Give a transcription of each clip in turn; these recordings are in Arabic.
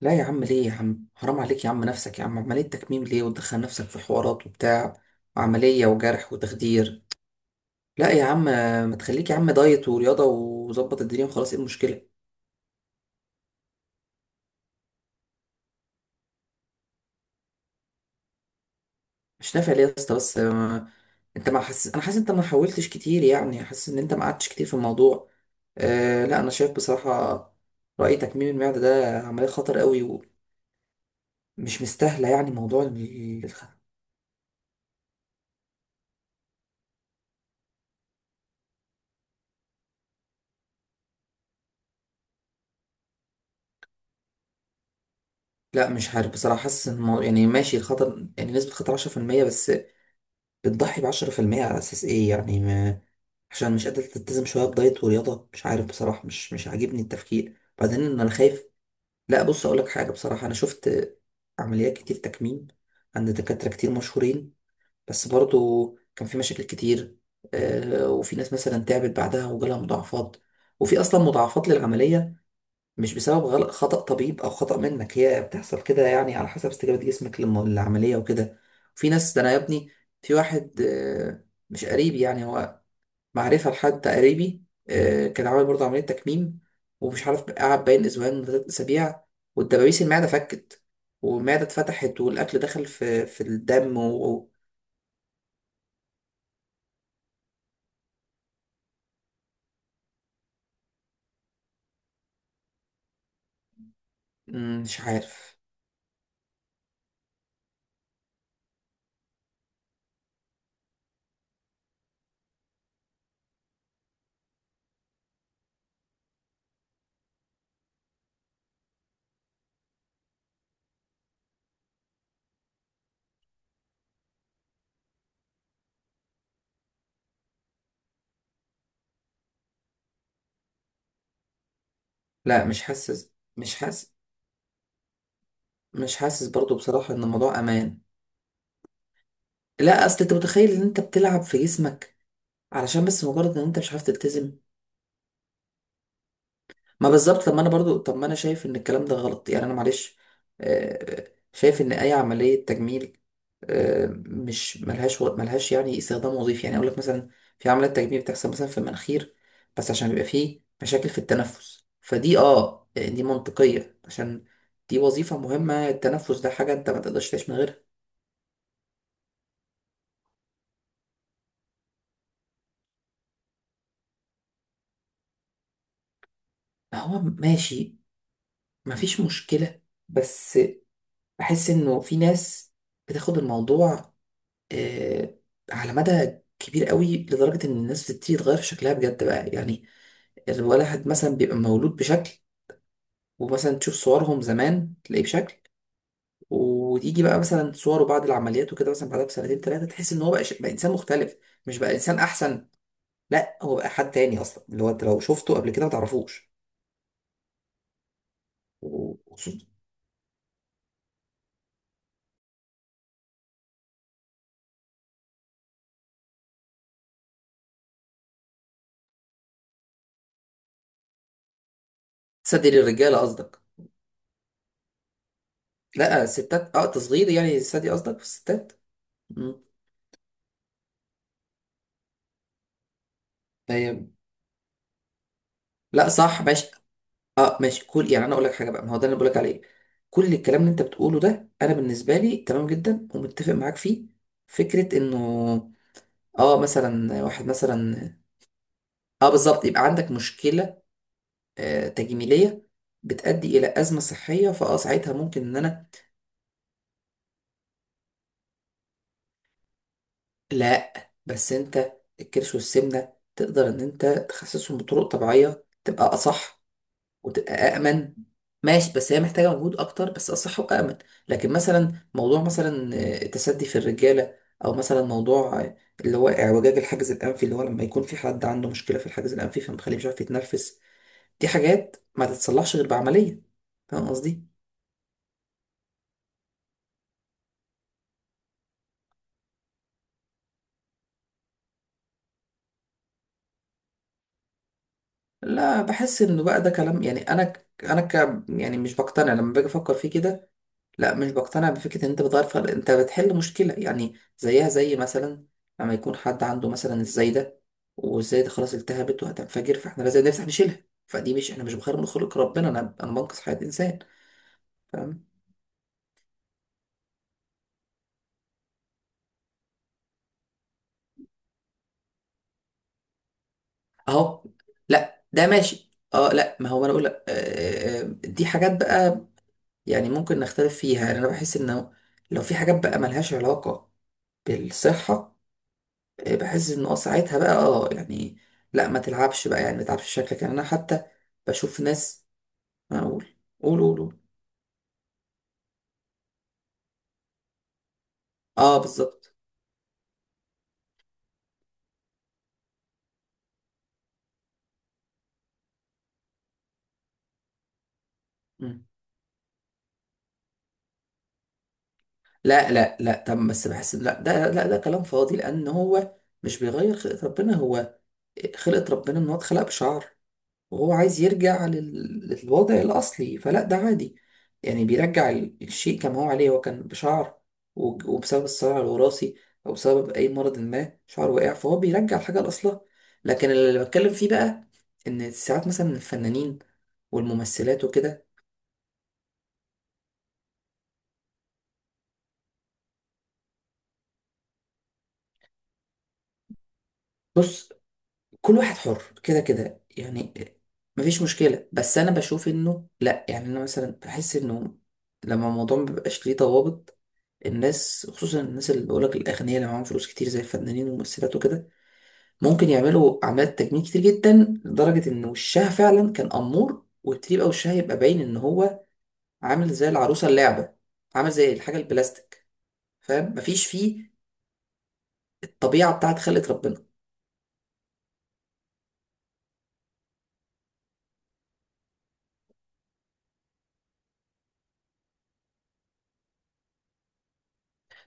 لا يا عم، ليه يا عم؟ حرام عليك يا عم، نفسك يا عم عملية تكميم ليه؟ وتدخل نفسك في حوارات وبتاع وعملية وجرح وتخدير. لا يا عم، ما تخليك يا عم دايت ورياضة وظبط الدنيا وخلاص. ايه المشكلة؟ مش نافع ليه يا اسطى؟ بس. انت ما حاسس؟ انا حاسس انت ما حاولتش كتير، يعني حاسس ان انت ما قعدتش كتير في الموضوع. أه لا، انا شايف بصراحة رأي تكميم المعدة ده عملية خطر قوي ومش مستاهلة. يعني موضوع لا مش عارف بصراحة، حاسس ان يعني ماشي الخطر، يعني نسبة خطر 10% بس. بتضحي بعشرة في المية على أساس إيه؟ يعني ما عشان مش قادر تلتزم شوية بدايت ورياضة، مش عارف بصراحة، مش عاجبني التفكير بعدين إن أنا خايف. لا بص أقولك حاجة بصراحة، أنا شفت عمليات كتير تكميم عند دكاترة كتير مشهورين، بس برضو كان في مشاكل كتير. وفي ناس مثلا تعبت بعدها وجالها مضاعفات، وفي أصلا مضاعفات للعملية، مش بسبب غلط خطأ طبيب او خطأ منك، هي بتحصل كده يعني على حسب استجابة جسمك للعملية وكده. في ناس، ده انا يا ابني، في واحد مش قريبي، يعني هو معرفة لحد قريبي، كان عامل برضه عملية تكميم، ومش عارف قعد باين اسبوعين ولا تلات اسابيع والدبابيس المعدة فكت والمعدة اتفتحت والاكل دخل في الدم مش عارف. لا مش حاسس برضه بصراحة ان الموضوع امان. لا اصل انت متخيل ان انت بتلعب في جسمك علشان بس مجرد ان انت مش عارف تلتزم. ما بالظبط، طب ما انا برضو، طب ما انا شايف ان الكلام ده غلط يعني، انا معلش آه، شايف ان اي عمليه تجميل مش ملهاش ملهاش يعني استخدام وظيفي. يعني اقول لك مثلا في عمليه تجميل بتحصل مثلا في المناخير، بس عشان بيبقى فيه مشاكل في التنفس، فدي دي منطقيه عشان دي وظيفه مهمه، التنفس ده حاجه انت ما تقدرش تعيش من غيرها. هو ماشي، مفيش مشكله، بس بحس انه في ناس بتاخد الموضوع آه، على مدى كبير قوي لدرجة إن الناس بتبتدي تغير في شكلها بجد بقى. يعني الواحد مثلا بيبقى مولود بشكل، ومثلا تشوف صورهم زمان تلاقيه بشكل، وتيجي بقى مثلا صوره بعد العمليات وكده مثلا بعدها بسنتين ثلاثة تحس إن هو بقى إنسان مختلف. مش بقى إنسان أحسن، لا هو بقى حد تاني أصلا اللي هو أنت لو شفته قبل كده ما تعرفوش. وخصوصا... تصدق للرجالة قصدك؟ لا الستات، تصغير يعني، الستات دي قصدك، في الستات. مم. طيب. لا صح ماشي، اه ماشي. كل يعني انا اقول لك حاجه بقى، ما هو ده اللي بقول لك عليه، كل الكلام اللي انت بتقوله ده انا بالنسبه لي تمام جدا ومتفق معاك فيه. فكره انه اه مثلا واحد مثلا، اه بالظبط، يبقى عندك مشكله تجميليه بتؤدي الى ازمه صحيه، فاه ساعتها ممكن ان انا... لا بس انت الكرش والسمنه تقدر ان انت تخسسهم بطرق طبيعيه، تبقى اصح وتبقى أأمن. ماشي بس هي محتاجة مجهود أكتر بس أصح وأأمن. لكن مثلا موضوع مثلا التسدي في الرجالة، أو مثلا موضوع اللي هو اعوجاج الحاجز الأنفي، اللي هو لما يكون في حد عنده مشكلة في الحاجز الأنفي فمخليه مش عارف يتنفس، دي حاجات ما تتصلحش غير بعملية. فاهم قصدي؟ لا بحس إنه بقى ده كلام، يعني أنا يعني مش بقتنع لما باجي أفكر فيه كده. لا مش بقتنع بفكرة ان انت بتغير، فرق انت بتحل مشكلة يعني، زيها زي مثلا لما يكون حد عنده مثلا الزايدة والزايدة خلاص التهبت وهتنفجر فاحنا لازم نفتح نشيلها، فدي مش احنا مش بخير من خلق ربنا، انا انا بنقص حياة انسان. فاهم. اهو. لا ده ماشي، اه. لا ما هو انا اقول لك دي حاجات بقى يعني ممكن نختلف فيها، يعني انا بحس انه لو في حاجات بقى ملهاش علاقة بالصحة، بحس ان ساعتها بقى يعني لا ما تلعبش بقى، يعني ما تلعبش شكلك. يعني انا حتى بشوف ناس... ما اقول، قول قول قول. اه بالظبط. مم. لا لا لا، طب بس بحس لا ده كلام فاضي لان هو مش بيغير خلقة ربنا، هو خلقة ربنا ان هو اتخلق بشعر وهو عايز يرجع للوضع الأصلي، فلا ده عادي يعني بيرجع الشيء كما هو عليه. هو كان بشعر وبسبب الصراع الوراثي أو بسبب أي مرض ما شعره وقع، فهو بيرجع الحاجة لأصلها. لكن اللي بتكلم فيه بقى إن ساعات مثلا الفنانين والممثلات وكده... بص كل واحد حر كده كده يعني. مفيش مشكلة، بس أنا بشوف إنه لأ، يعني أنا مثلا بحس إنه لما الموضوع مبيبقاش ليه ضوابط، الناس خصوصا الناس اللي بقولك الأغنياء اللي معاهم فلوس كتير زي الفنانين والممثلات وكده ممكن يعملوا أعمال تجميل كتير جدا لدرجة إن وشها فعلا كان أمور وتبقى وشها يبقى باين إن هو عامل زي العروسة اللعبة، عامل زي الحاجة البلاستيك. فاهم؟ مفيش فيه الطبيعة بتاعت خلقة ربنا.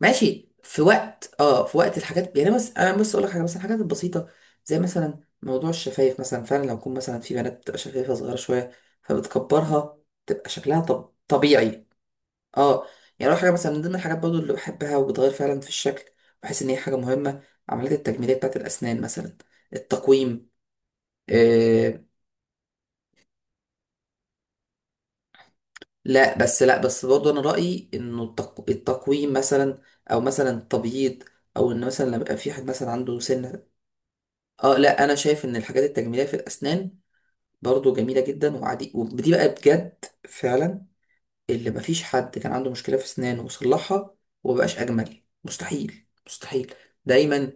ماشي في وقت، اه في وقت الحاجات يعني. بس انا بس اقول لك حاجه، مثلا الحاجات البسيطه زي مثلا موضوع الشفايف مثلا، فعلا لو يكون مثلا في بنات بتبقى شفايفها صغيره شويه فبتكبرها تبقى شكلها طب طبيعي، اه. يعني اول حاجه مثلا من ضمن الحاجات برضو اللي بحبها وبتغير فعلا في الشكل، بحس ان هي حاجه مهمه، عمليات التجميليه بتاعت الاسنان مثلا، التقويم. آه لا بس برضو انا رايي انه التقويم مثلا، او مثلا تبييض، او ان مثلا لما يبقى في حد مثلا عنده سنه، اه لا انا شايف ان الحاجات التجميليه في الاسنان برضو جميله جدا وعادي، ودي بقى بجد فعلا اللي مفيش حد كان عنده مشكله في اسنانه وصلحها ومبقاش اجمل، مستحيل مستحيل. دايما.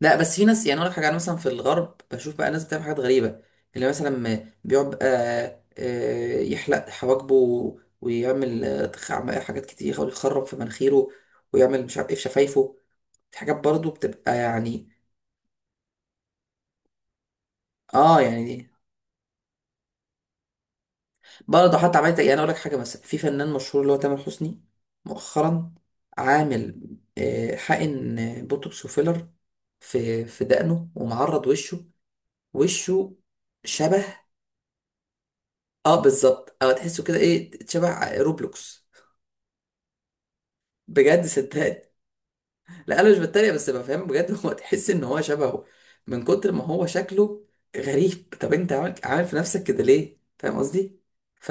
لا بس في ناس، يعني اقول لك حاجه، انا مثلا في الغرب بشوف بقى ناس بتعمل حاجات غريبه، اللي مثلا بيقعد يحلق حواجبه، ويعمل حاجات كتير، يحاول يخرم في مناخيره ويعمل مش عارف ايه في شفايفه. في حاجات برضو بتبقى يعني اه يعني. برضه حتى عملت، يعني اقول لك حاجه، مثلا في فنان مشهور اللي هو تامر حسني مؤخرا عامل حقن بوتوكس وفيلر في دقنه ومعرض وشه، وشه شبه، اه بالظبط. او تحسه كده ايه، شبه روبلوكس. بجد صدقني، لا انا مش بتريق بس بفهم بجد. هو تحس ان هو شبهه من كتر ما هو شكله غريب. طب انت عامل عامل في نفسك كده ليه؟ فاهم قصدي؟ ف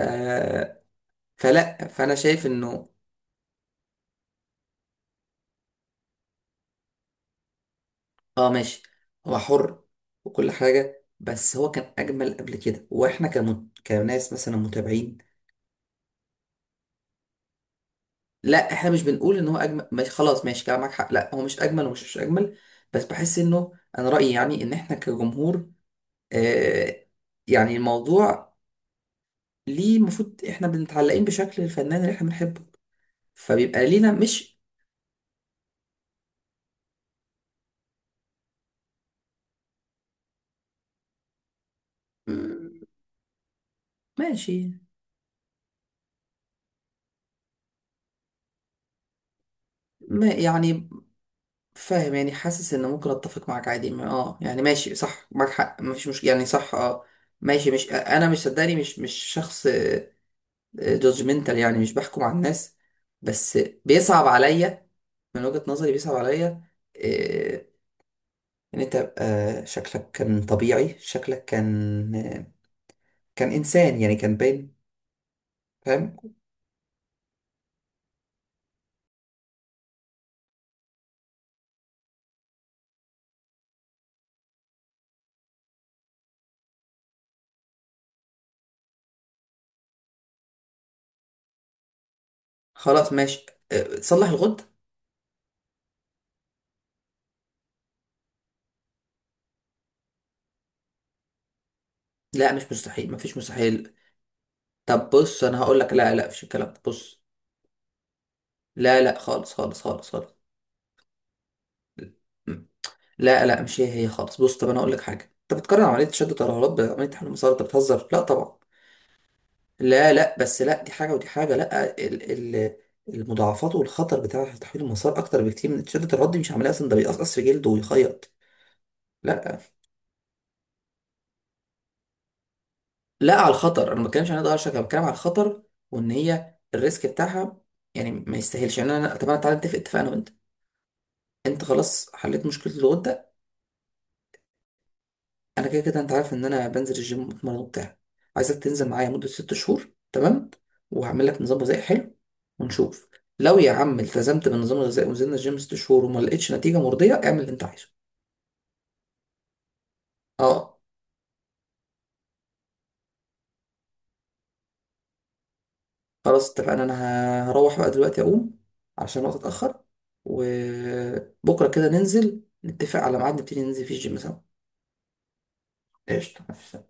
فلا، فانا شايف انه... اه ماشي، هو حر وكل حاجه، بس هو كان اجمل قبل كده واحنا كناس مثلا متابعين. لا احنا مش بنقول ان هو اجمل، ماشي خلاص ماشي كلامك حق، لا هو مش اجمل ومش مش اجمل، بس بحس انه انا رايي يعني ان احنا كجمهور آه يعني الموضوع، ليه المفروض احنا بنتعلقين بشكل الفنان اللي احنا بنحبه فبيبقى لينا مش... مم، ماشي. ما يعني فاهم يعني، حاسس ان ممكن اتفق معاك عادي يعني ماشي صح معاك حق، مفيش مش يعني صح ماشي. مش انا مش، صدقني مش مش شخص جادجمنتال يعني، مش بحكم على الناس. بس بيصعب عليا، من وجهة نظري بيصعب عليا إيه، ان انت يبقى شكلك كان طبيعي، شكلك كان كان انسان يعني، كان باين. فاهم. خلاص ماشي. تصلح الغد. لا مش مستحيل، مفيش مستحيل. طب بص انا هقول لك، لا لا مفيش الكلام ده، بص. لا لا خالص خالص خالص خالص. لا لا مش هي خالص، بص طب انا هقول لك حاجه، انت بتقارن عمليه شد الترهلات بعمليه تحمل المسار؟ انت بتهزر، لا طبعا. لا لا بس لا دي حاجة ودي حاجة، لا ال ال المضاعفات والخطر بتاع تحويل المسار أكتر بكتير من تيشيرت الرد، مش عملية أصلا ده بيقصقص في جلده ويخيط. لا لا، على الخطر أنا ما بتكلمش عن ضرر شكل، أنا بتكلم على الخطر وإن هي الريسك بتاعها يعني ما يستاهلش. يعني أنا، طب أنا تعالى نتفق، اتفق أنا وأنت، أنت خلاص حليت مشكلة الغدة، انا كده كده انت عارف ان انا بنزل الجيم وبتمرن وبتاع، عايزك تنزل معايا مده 6 شهور، تمام، وهعمل لك نظام غذائي حلو ونشوف. لو يا عم التزمت بالنظام الغذائي ونزلنا الجيم 6 شهور وما لقيتش نتيجه مرضيه اعمل اللي انت عايزه. اه خلاص اتفقنا، انا هروح بقى دلوقتي اقوم عشان الوقت اتاخر، وبكره كده ننزل نتفق على ميعاد نبتدي ننزل فيه الجيم سوا. قشطه، مفيش.